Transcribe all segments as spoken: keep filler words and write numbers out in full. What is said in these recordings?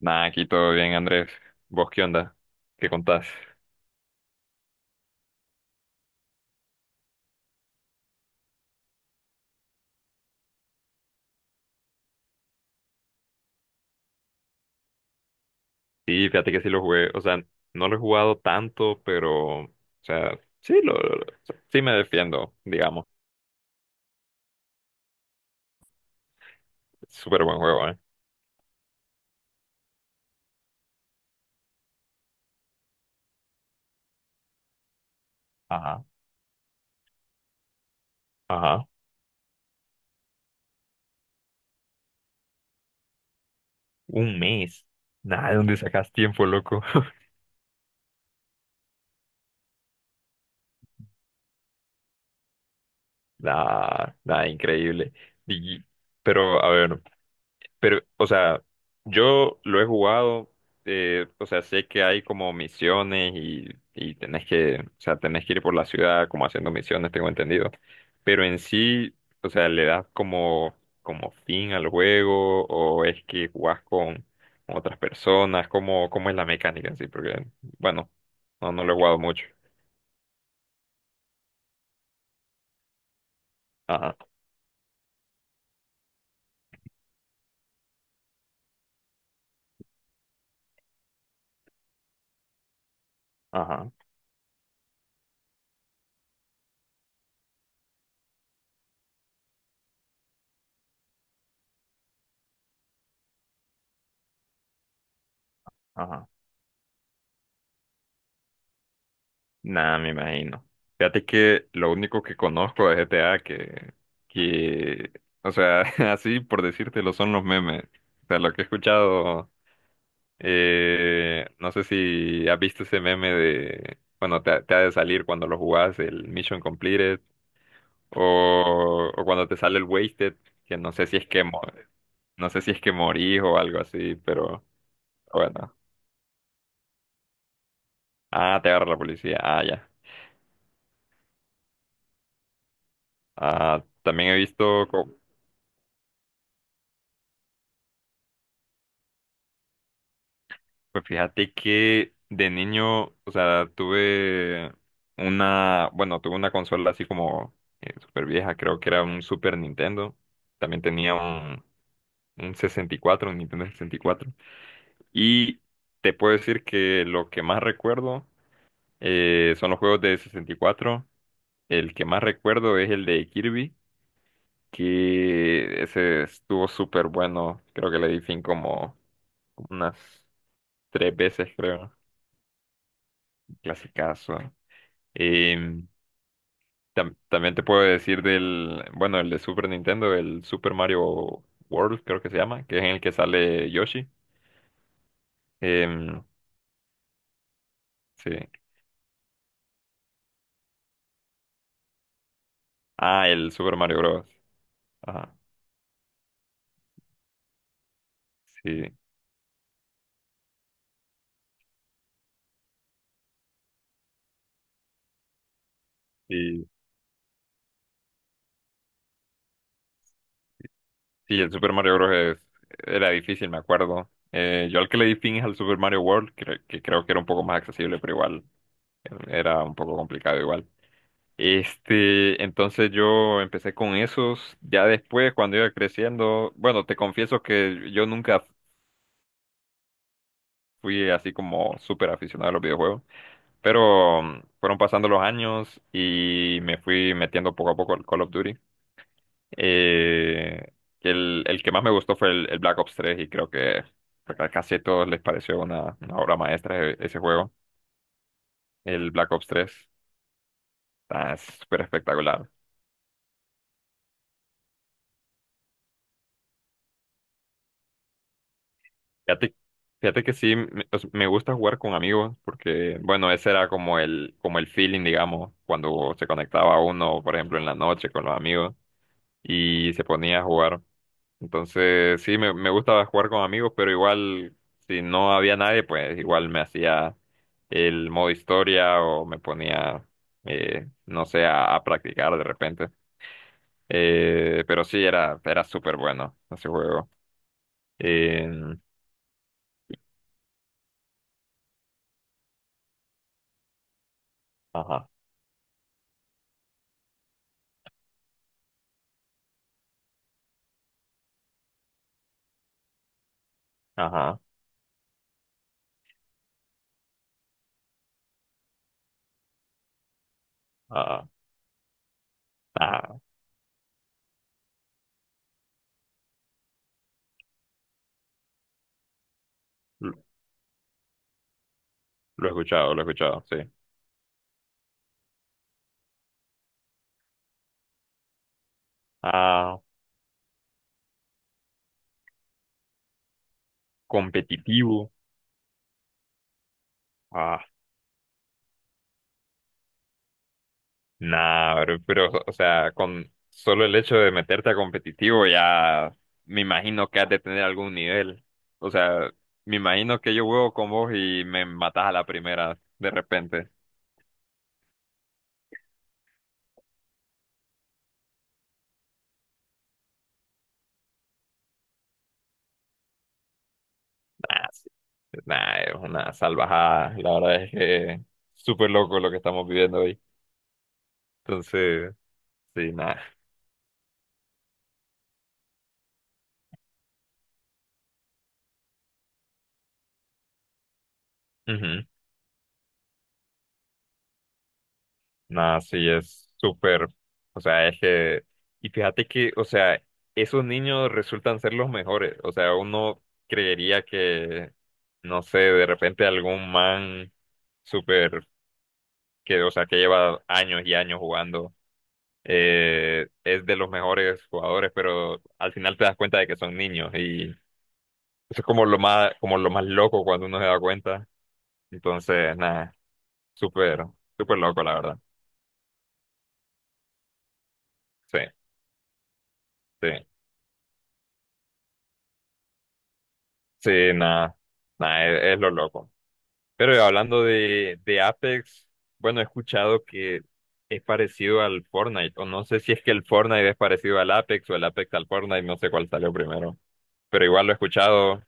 Nada, aquí todo bien, Andrés. ¿Vos qué onda? ¿Qué contás? Sí, fíjate que sí lo jugué. O sea, no lo he jugado tanto, pero, o sea, sí, lo, lo- lo- sí me defiendo, digamos. Súper buen juego, ¿eh? Ajá, ajá. Un mes. Nada, ¿de dónde sacas tiempo, loco? Nada, nada, increíble. Y- pero, a ver, pero, o sea, yo lo he jugado, eh, o sea, sé que hay como misiones y, y tenés que, o sea, tenés que ir por la ciudad como haciendo misiones, tengo entendido. Pero en sí, o sea, ¿le das como, como fin al juego o es que jugás con, con otras personas? ¿Cómo, cómo es la mecánica en sí? Porque, bueno, no, no lo he jugado mucho. Ajá, ajá, ajá. Nada, me imagino. Fíjate que lo único que conozco de G T A que, que, o sea, así por decírtelo son los memes. O sea, lo que he escuchado, eh, no sé si has visto ese meme de, bueno, te, ha te ha de salir cuando lo jugás, el Mission Completed, o, o cuando te sale el Wasted, que no sé si es que, mo- no sé si es que morís o algo así, pero bueno. Ah, te agarra la policía. Ah, ya. Ah, también he visto. Pues fíjate que de niño, o sea, tuve una, bueno, tuve una consola así como super vieja, creo que era un Super Nintendo. También tenía un, un sesenta y cuatro, un Nintendo sesenta Y cuatro. Y te puedo decir que lo que más recuerdo eh, son los juegos de sesenta y cuatro. El que más recuerdo es el de Kirby, que ese estuvo súper bueno. Creo que le di fin como unas tres veces, creo. Clasicazo. Y tam- también te puedo decir del, bueno, el de Super Nintendo, el Super Mario World, creo que se llama, que es en el que sale Yoshi. Em, sí. Ah, el Super Mario Bros. Ajá. Sí. Sí, sí, el Super Mario Bros. es- era difícil, me acuerdo. Eh, yo al que le di fin es al Super Mario World, cre- que creo que era un poco más accesible, pero igual eh, era un poco complicado igual. Este, entonces yo empecé con esos. Ya después, cuando iba creciendo, bueno, te confieso que yo nunca fui así como súper aficionado a los videojuegos, pero mm, fueron pasando los años y me fui metiendo poco a poco al Call of Duty. Eh, el, el que más me gustó fue el, el Black Ops tres y creo que a casi a todos les pareció una, una obra maestra e- ese juego, el Black Ops tres. Está súper espectacular. Fíjate, fíjate que sí, me, o sea, me gusta jugar con amigos porque, bueno, ese era como el, como el feeling, digamos, cuando se conectaba uno, por ejemplo, en la noche con los amigos y se ponía a jugar. Entonces, sí, me, me gustaba jugar con amigos, pero igual, si no había nadie, pues igual me hacía el modo historia o me ponía, eh, no sé, a, a practicar de repente. Eh, pero sí, era, era súper bueno ese juego. Eh, ajá, ajá, ajá. Ajá. Lo, lo he escuchado, lo he escuchado, sí. Ah, competitivo. Ah, nada, bro, pero, o sea, con solo el hecho de meterte a competitivo ya me imagino que has de tener algún nivel. O sea, me imagino que yo juego con vos y me matás a la primera de repente. Nah, sí. Nah, es una salvajada. La verdad es que súper loco lo que estamos viviendo hoy. Entonces, sí, nada. Nada, sí, es súper, o sea, es que, y fíjate que, o sea, esos niños resultan ser los mejores, o sea, uno creería que, no sé, de repente algún man súper, que, o sea, que lleva años y años jugando, eh, es de los mejores jugadores, pero al final te das cuenta de que son niños, y eso es como lo más, como lo más loco cuando uno se da cuenta, entonces, nada, súper, súper loco, la verdad, sí, sí. Sí, nada, nada, es, es lo loco. Pero hablando de, de Apex, bueno, he escuchado que es parecido al Fortnite, o no sé si es que el Fortnite es parecido al Apex o el Apex al Fortnite, no sé cuál salió primero, pero igual lo he escuchado.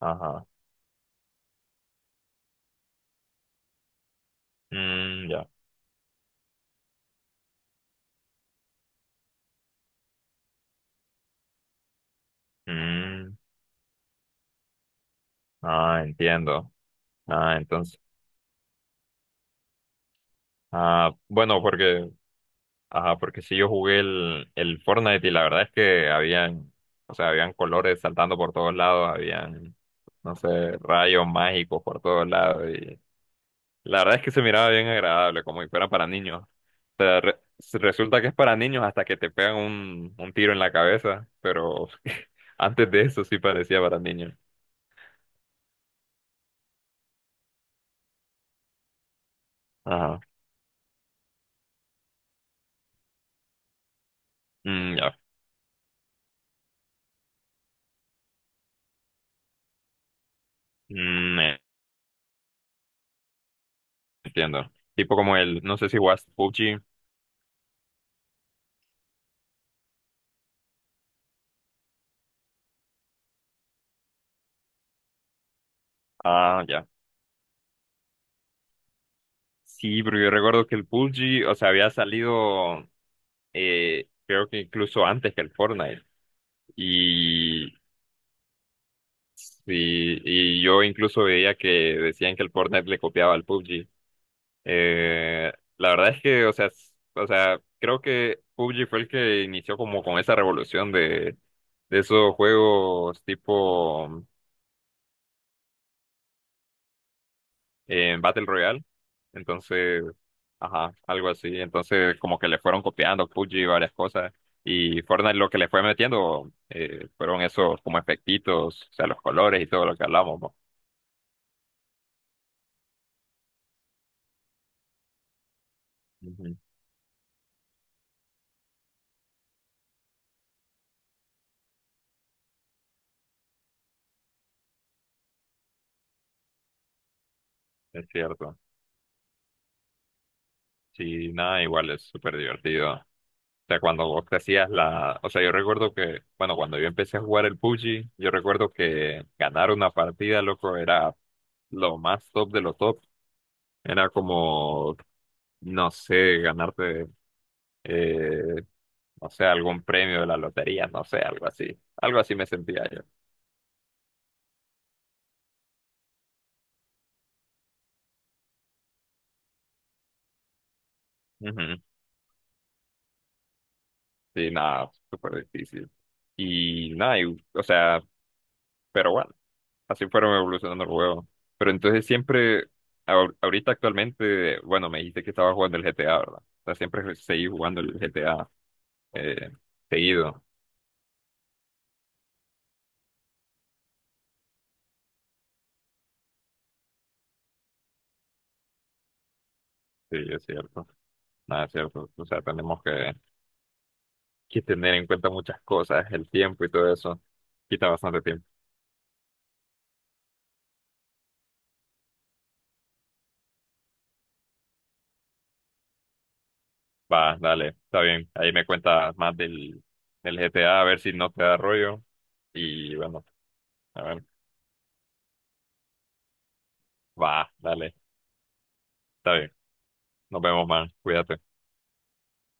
Ajá, mm, ya, mm, ah, entiendo. Ah, entonces, ah, bueno, porque ajá, porque si yo jugué el, el Fortnite y la verdad es que habían, o sea, habían colores saltando por todos lados, habían, no sé, rayos mágicos por todos lados y la verdad es que se miraba bien agradable, como si fuera para niños. O sea, re- resulta que es para niños hasta que te pegan un, un tiro en la cabeza, pero antes de eso sí parecía para niños. Ajá, mm, ya, mm, entiendo. Tipo como el, no sé si jugaste P U B G, ah, ya. Sí, pero yo recuerdo que el P U B G, o sea, había salido, eh, creo que incluso antes que el Fortnite. Y, sí, y yo incluso veía que decían que el Fortnite le copiaba al P U B G. Eh, la verdad es que, o sea, s- o sea, creo que P U B G fue el que inició como con esa revolución de, de esos juegos tipo en Battle Royale. Entonces, ajá, algo así. Entonces, como que le fueron copiando P U B G y varias cosas. Y Fortnite lo que le fue metiendo eh, fueron esos como efectitos, o sea, los colores y todo lo que hablamos, ¿no? Ujú. Es cierto. Sí, nada, igual es súper divertido. O sea, cuando vos te hacías la. O sea, yo recuerdo que, bueno, cuando yo empecé a jugar el P U B G, yo recuerdo que ganar una partida, loco, era lo más top de lo top. Era como no sé, ganarte. eh, no sé, algún premio de la lotería, no sé, algo así. Algo así me sentía yo. Ujú. Sí, nada, súper difícil. Y nada, y- o sea, pero bueno, así fueron evolucionando el juego. Pero entonces siempre, ahor- ahorita actualmente, bueno, me dijiste que estaba jugando el G T A, ¿verdad? O sea, siempre seguí jugando el G T A eh, seguido. Sí, es cierto. Nada, es cierto. O sea, tenemos que, que tener en cuenta muchas cosas, el tiempo y todo eso. Quita bastante tiempo. Va, dale, está bien. Ahí me cuentas más del, del G T A, a a ver si no te da rollo. Y bueno, a ver, va, dale, está bien. Nos vemos, man. Cuídate.